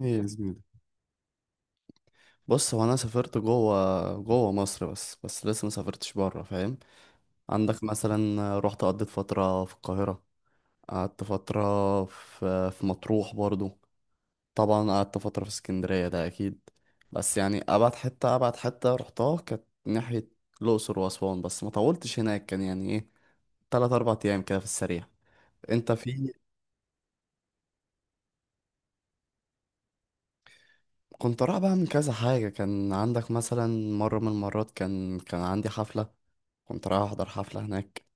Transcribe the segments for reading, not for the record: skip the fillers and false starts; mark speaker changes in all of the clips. Speaker 1: ايه يا زميلي. بص، هو انا سافرت جوه، جوه مصر، بس لسه ما سافرتش بره، فاهم؟ عندك مثلا رحت قضيت فتره في القاهره. قعدت فتره في مطروح برضو. طبعا قعدت فتره في اسكندريه ده اكيد. بس يعني ابعد حته ابعد حته رحتها كانت ناحيه الاقصر واسوان، بس ما طولتش هناك، كان يعني ايه، 3 4 ايام كده في السريع. انت في كنت رايح بقى من كذا حاجه، كان عندك مثلا مره من المرات كان عندي حفله، كنت رايح احضر حفله هناك.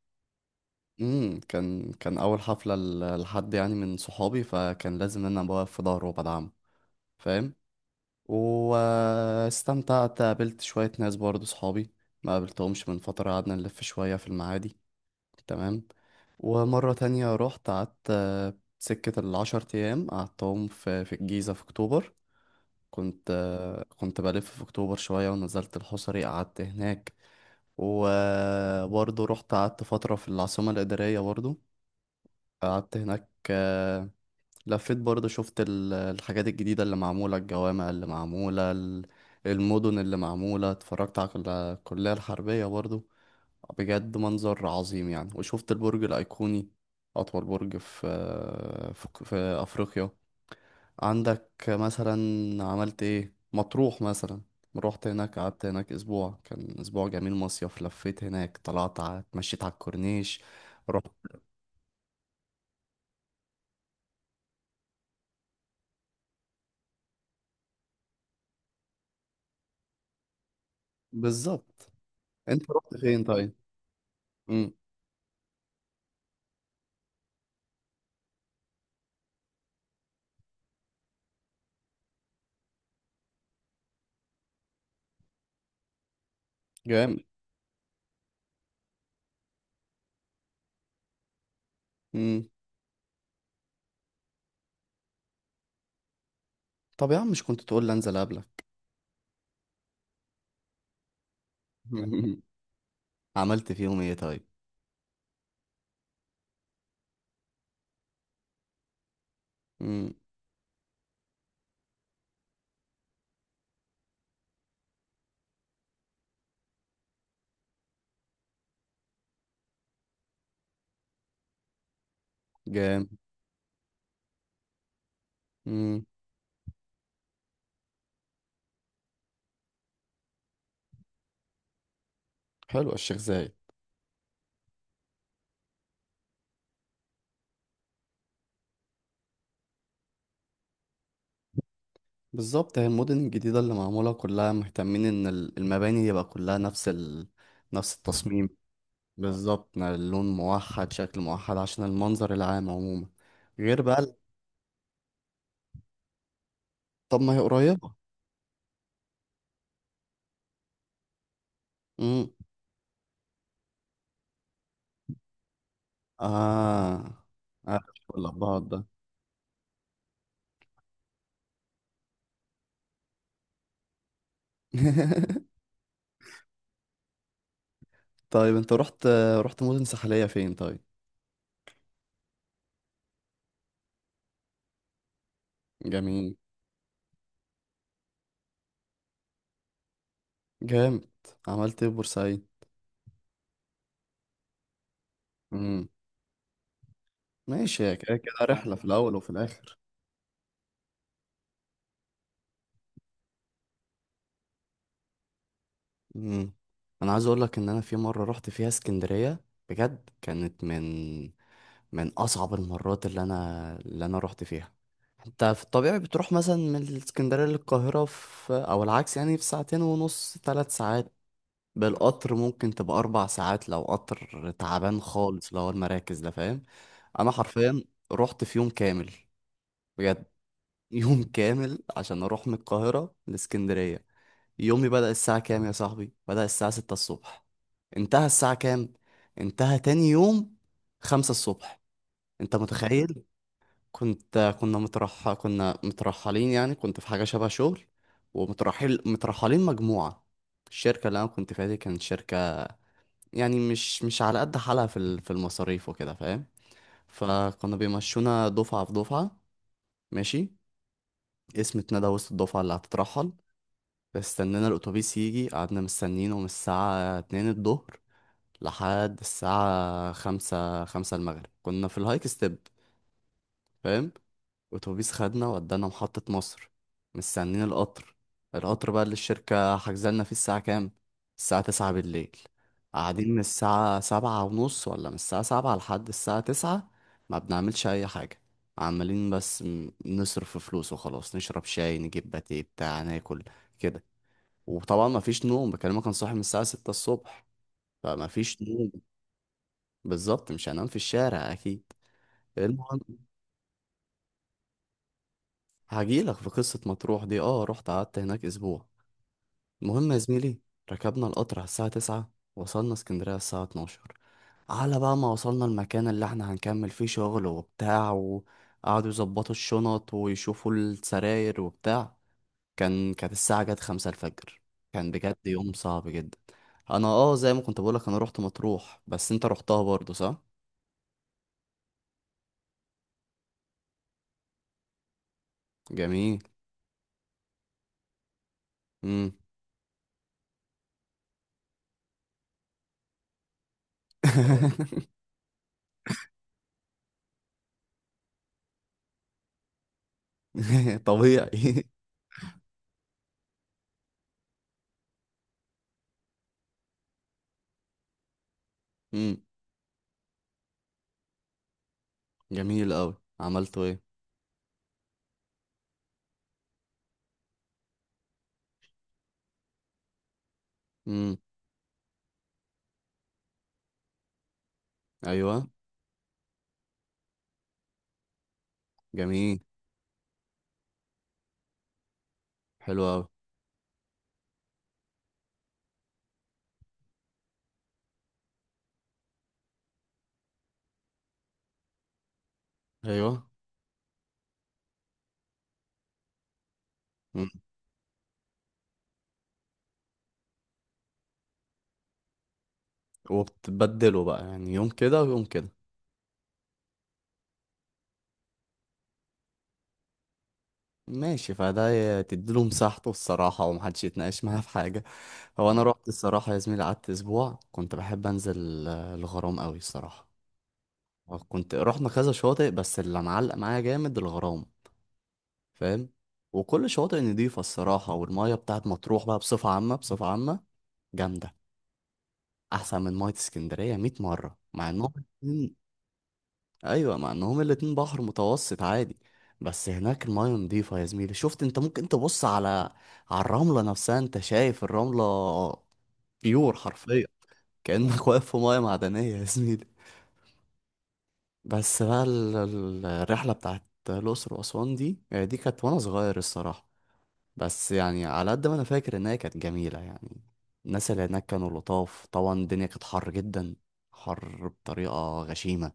Speaker 1: كان اول حفله لحد يعني من صحابي، فكان لازم ان انا بوقف في ظهره وبدعمه، فاهم. واستمتعت، قابلت شويه ناس برضه صحابي ما قابلتهمش من فتره، قعدنا نلف شويه في المعادي، تمام. ومره تانية رحت قعدت، سكه العشر ايام قعدتهم في الجيزه في اكتوبر. كنت بلف في اكتوبر شويه ونزلت الحصري قعدت هناك. وبرضه رحت قعدت فترة في العاصمة الإدارية برضه، قعدت هناك. لفيت برضه، شفت الحاجات الجديدة اللي معمولة، الجوامع اللي معمولة المدن اللي معمولة، اتفرجت على الكلية الحربية برضه. بجد منظر عظيم يعني. وشفت البرج الأيقوني، أطول برج في آه، في في أفريقيا. عندك مثلا، عملت ايه مطروح مثلا؟ روحت هناك قعدت هناك اسبوع، كان اسبوع جميل مصيف، لفيت هناك طلعت اتمشيت على الكورنيش. رحت. بالظبط. انت رحت فين طيب؟ امم. جامد. امم. طب يا عم، مش كنت تقول لي انزل قبلك؟ عملت فيهم ايه طيب؟ امم. جامد. امم. حلو الشيخ زايد. بالظبط، هي المدن الجديدة اللي معمولة كلها مهتمين ان المباني يبقى كلها نفس نفس التصميم. بالظبط، اللون موحد، شكل موحد، عشان المنظر العام عموما. غير بقى طب ما هي قريبة. امم. اه. اه. العباد ده. طيب انت رحت، رحت مدن ساحلية فين طيب؟ جميل. جامد. عملت ايه في بورسعيد؟ امم. ماشي، هي كده كده رحلة في الأول وفي الآخر. امم. أنا عايز أقول لك إن أنا في مرة رحت فيها اسكندرية بجد كانت من أصعب المرات اللي أنا رحت فيها. أنت في الطبيعي بتروح مثلا من الاسكندرية للقاهرة في أو العكس يعني في ساعتين ونص، 3 ساعات. بالقطر ممكن تبقى 4 ساعات لو قطر تعبان خالص، لو هو المراكز ده فاهم. أنا حرفيا رحت في يوم كامل، بجد يوم كامل عشان اروح من القاهرة لاسكندرية. يومي بدأ الساعة كام يا صاحبي؟ بدأ الساعة 6 الصبح. انتهى الساعة كام؟ انتهى تاني يوم 5 الصبح. انت متخيل؟ كنت كنا مترح كنا مترحلين يعني، كنت في حاجة شبه شغل. مترحلين مجموعة، الشركة اللي انا كنت فيها دي كانت شركة يعني مش على قد حالها في في المصاريف وكده فاهم. فكنا بيمشونا دفعة في دفعة. ماشي. اسم اتندى وسط الدفعة اللي هتترحل، استنينا الأتوبيس يجي، قعدنا مستنينه من الساعة 2 الظهر لحد الساعة 5 المغرب، كنا في الهايك ستيب فاهم. أتوبيس خدنا ودانا محطة مصر، مستنين القطر. القطر بقى اللي الشركة حجزلنا فيه الساعة كام؟ الساعة 9 بالليل. قاعدين من الساعة 7 ونص ولا من الساعة 7 لحد الساعة 9، ما بنعملش أي حاجة، عمالين بس نصرف فلوس وخلاص، نشرب شاي، نجيب باتيه بتاع ناكل كده. وطبعا ما فيش نوم، بكلمك انا صاحي من الساعة 6 الصبح، فما فيش نوم. بالظبط، مش هنام في الشارع اكيد. المهم، هجيلك في قصة مطروح دي، اه رحت قعدت هناك اسبوع. المهم يا زميلي، ركبنا القطر على الساعة 9، وصلنا اسكندرية على الساعة 12. على بقى ما وصلنا المكان اللي احنا هنكمل فيه شغل وبتاع، وقعدوا يظبطوا الشنط ويشوفوا السراير وبتاع، كانت الساعة جت 5 الفجر. كان بجد يوم صعب جدا. انا اه زي ما كنت بقولك، انا روحت مطروح، بس انت روحتها برضو صح؟ جميل. امم. اه طبيعي. امم. جميل قوي. عملتوا ايه؟ امم. ايوه. جميل. حلو قوي. ايوه. امم. وبتبدلوا بقى يعني يوم كده ويوم كده. ماشي، فده تديله مساحته الصراحة، ومحدش يتناقش معاه في حاجة. هو انا رحت الصراحة يا زميلي، قعدت اسبوع، كنت بحب انزل، الغرام قوي الصراحة. كنت رحنا كذا شاطئ، بس اللي معلق معايا جامد الغرام، فاهم. وكل شاطئ نضيفة الصراحة، والمية بتاعت مطروح بقى بصفة عامة جامدة أحسن من مية اسكندرية مية مرة مع إنهم الاتنين. أيوة مع إنهم الاتنين بحر متوسط عادي، بس هناك المية نضيفة يا زميلي شفت أنت؟ ممكن تبص على، على الرملة نفسها، أنت شايف الرملة؟ بيور حرفيا، كأنك واقف في مية معدنية يا زميلي. بس بقى الرحلة بتاعت الأقصر وأسوان دي، دي كانت وأنا صغير الصراحة، بس يعني على قد ما أنا فاكر إن هي كانت جميلة يعني. الناس اللي هناك كانوا لطاف، طبعا الدنيا كانت حر جدا، حر بطريقة غشيمة.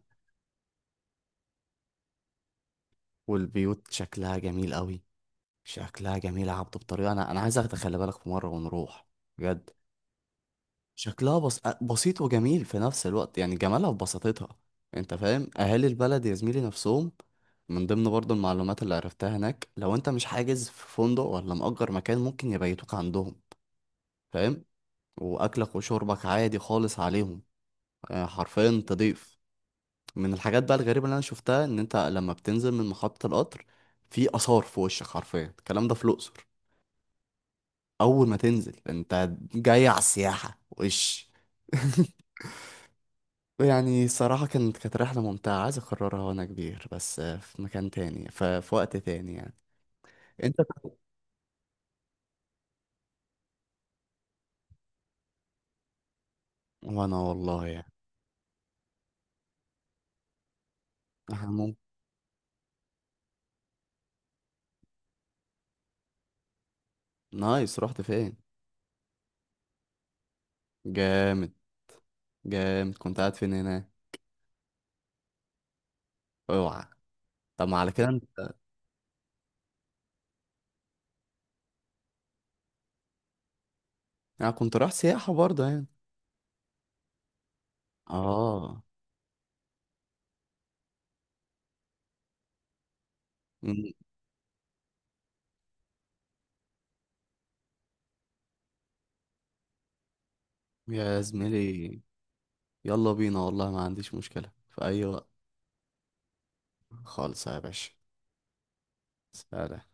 Speaker 1: والبيوت شكلها جميل قوي، شكلها جميل يا عبدو بطريقة. أنا عايز أخدك، خلي بالك في مرة ونروح بجد. شكلها بسيط وجميل في نفس الوقت يعني، جمالها في بساطتها. انت فاهم اهالي البلد يا زميلي نفسهم. من ضمن برضه المعلومات اللي عرفتها هناك، لو انت مش حاجز في فندق ولا مأجر مكان، ممكن يبيتوك عندهم فاهم، واكلك وشربك عادي خالص عليهم. حرفيا تضيف. من الحاجات بقى الغريبة اللي انا شفتها، ان انت لما بتنزل من محطة القطر، في آثار في وشك حرفيا، الكلام ده في الأقصر، اول ما تنزل انت جاي على السياحة وش. يعني صراحة كانت رحلة ممتعة، عايز أكررها وأنا كبير، بس في مكان تاني في وقت تاني يعني. أنت. وأنا والله يعني. إحنا نايس، رحت فين؟ جامد. جامد، كنت قاعد فين هنا؟ أوعى. طب ما على كده أنت. أنا كنت رايح سياحة برضه يعني. آه. مم. يا زميلي، يلا بينا والله ما عنديش مشكلة في أي وقت. خالص يا باشا. سلام.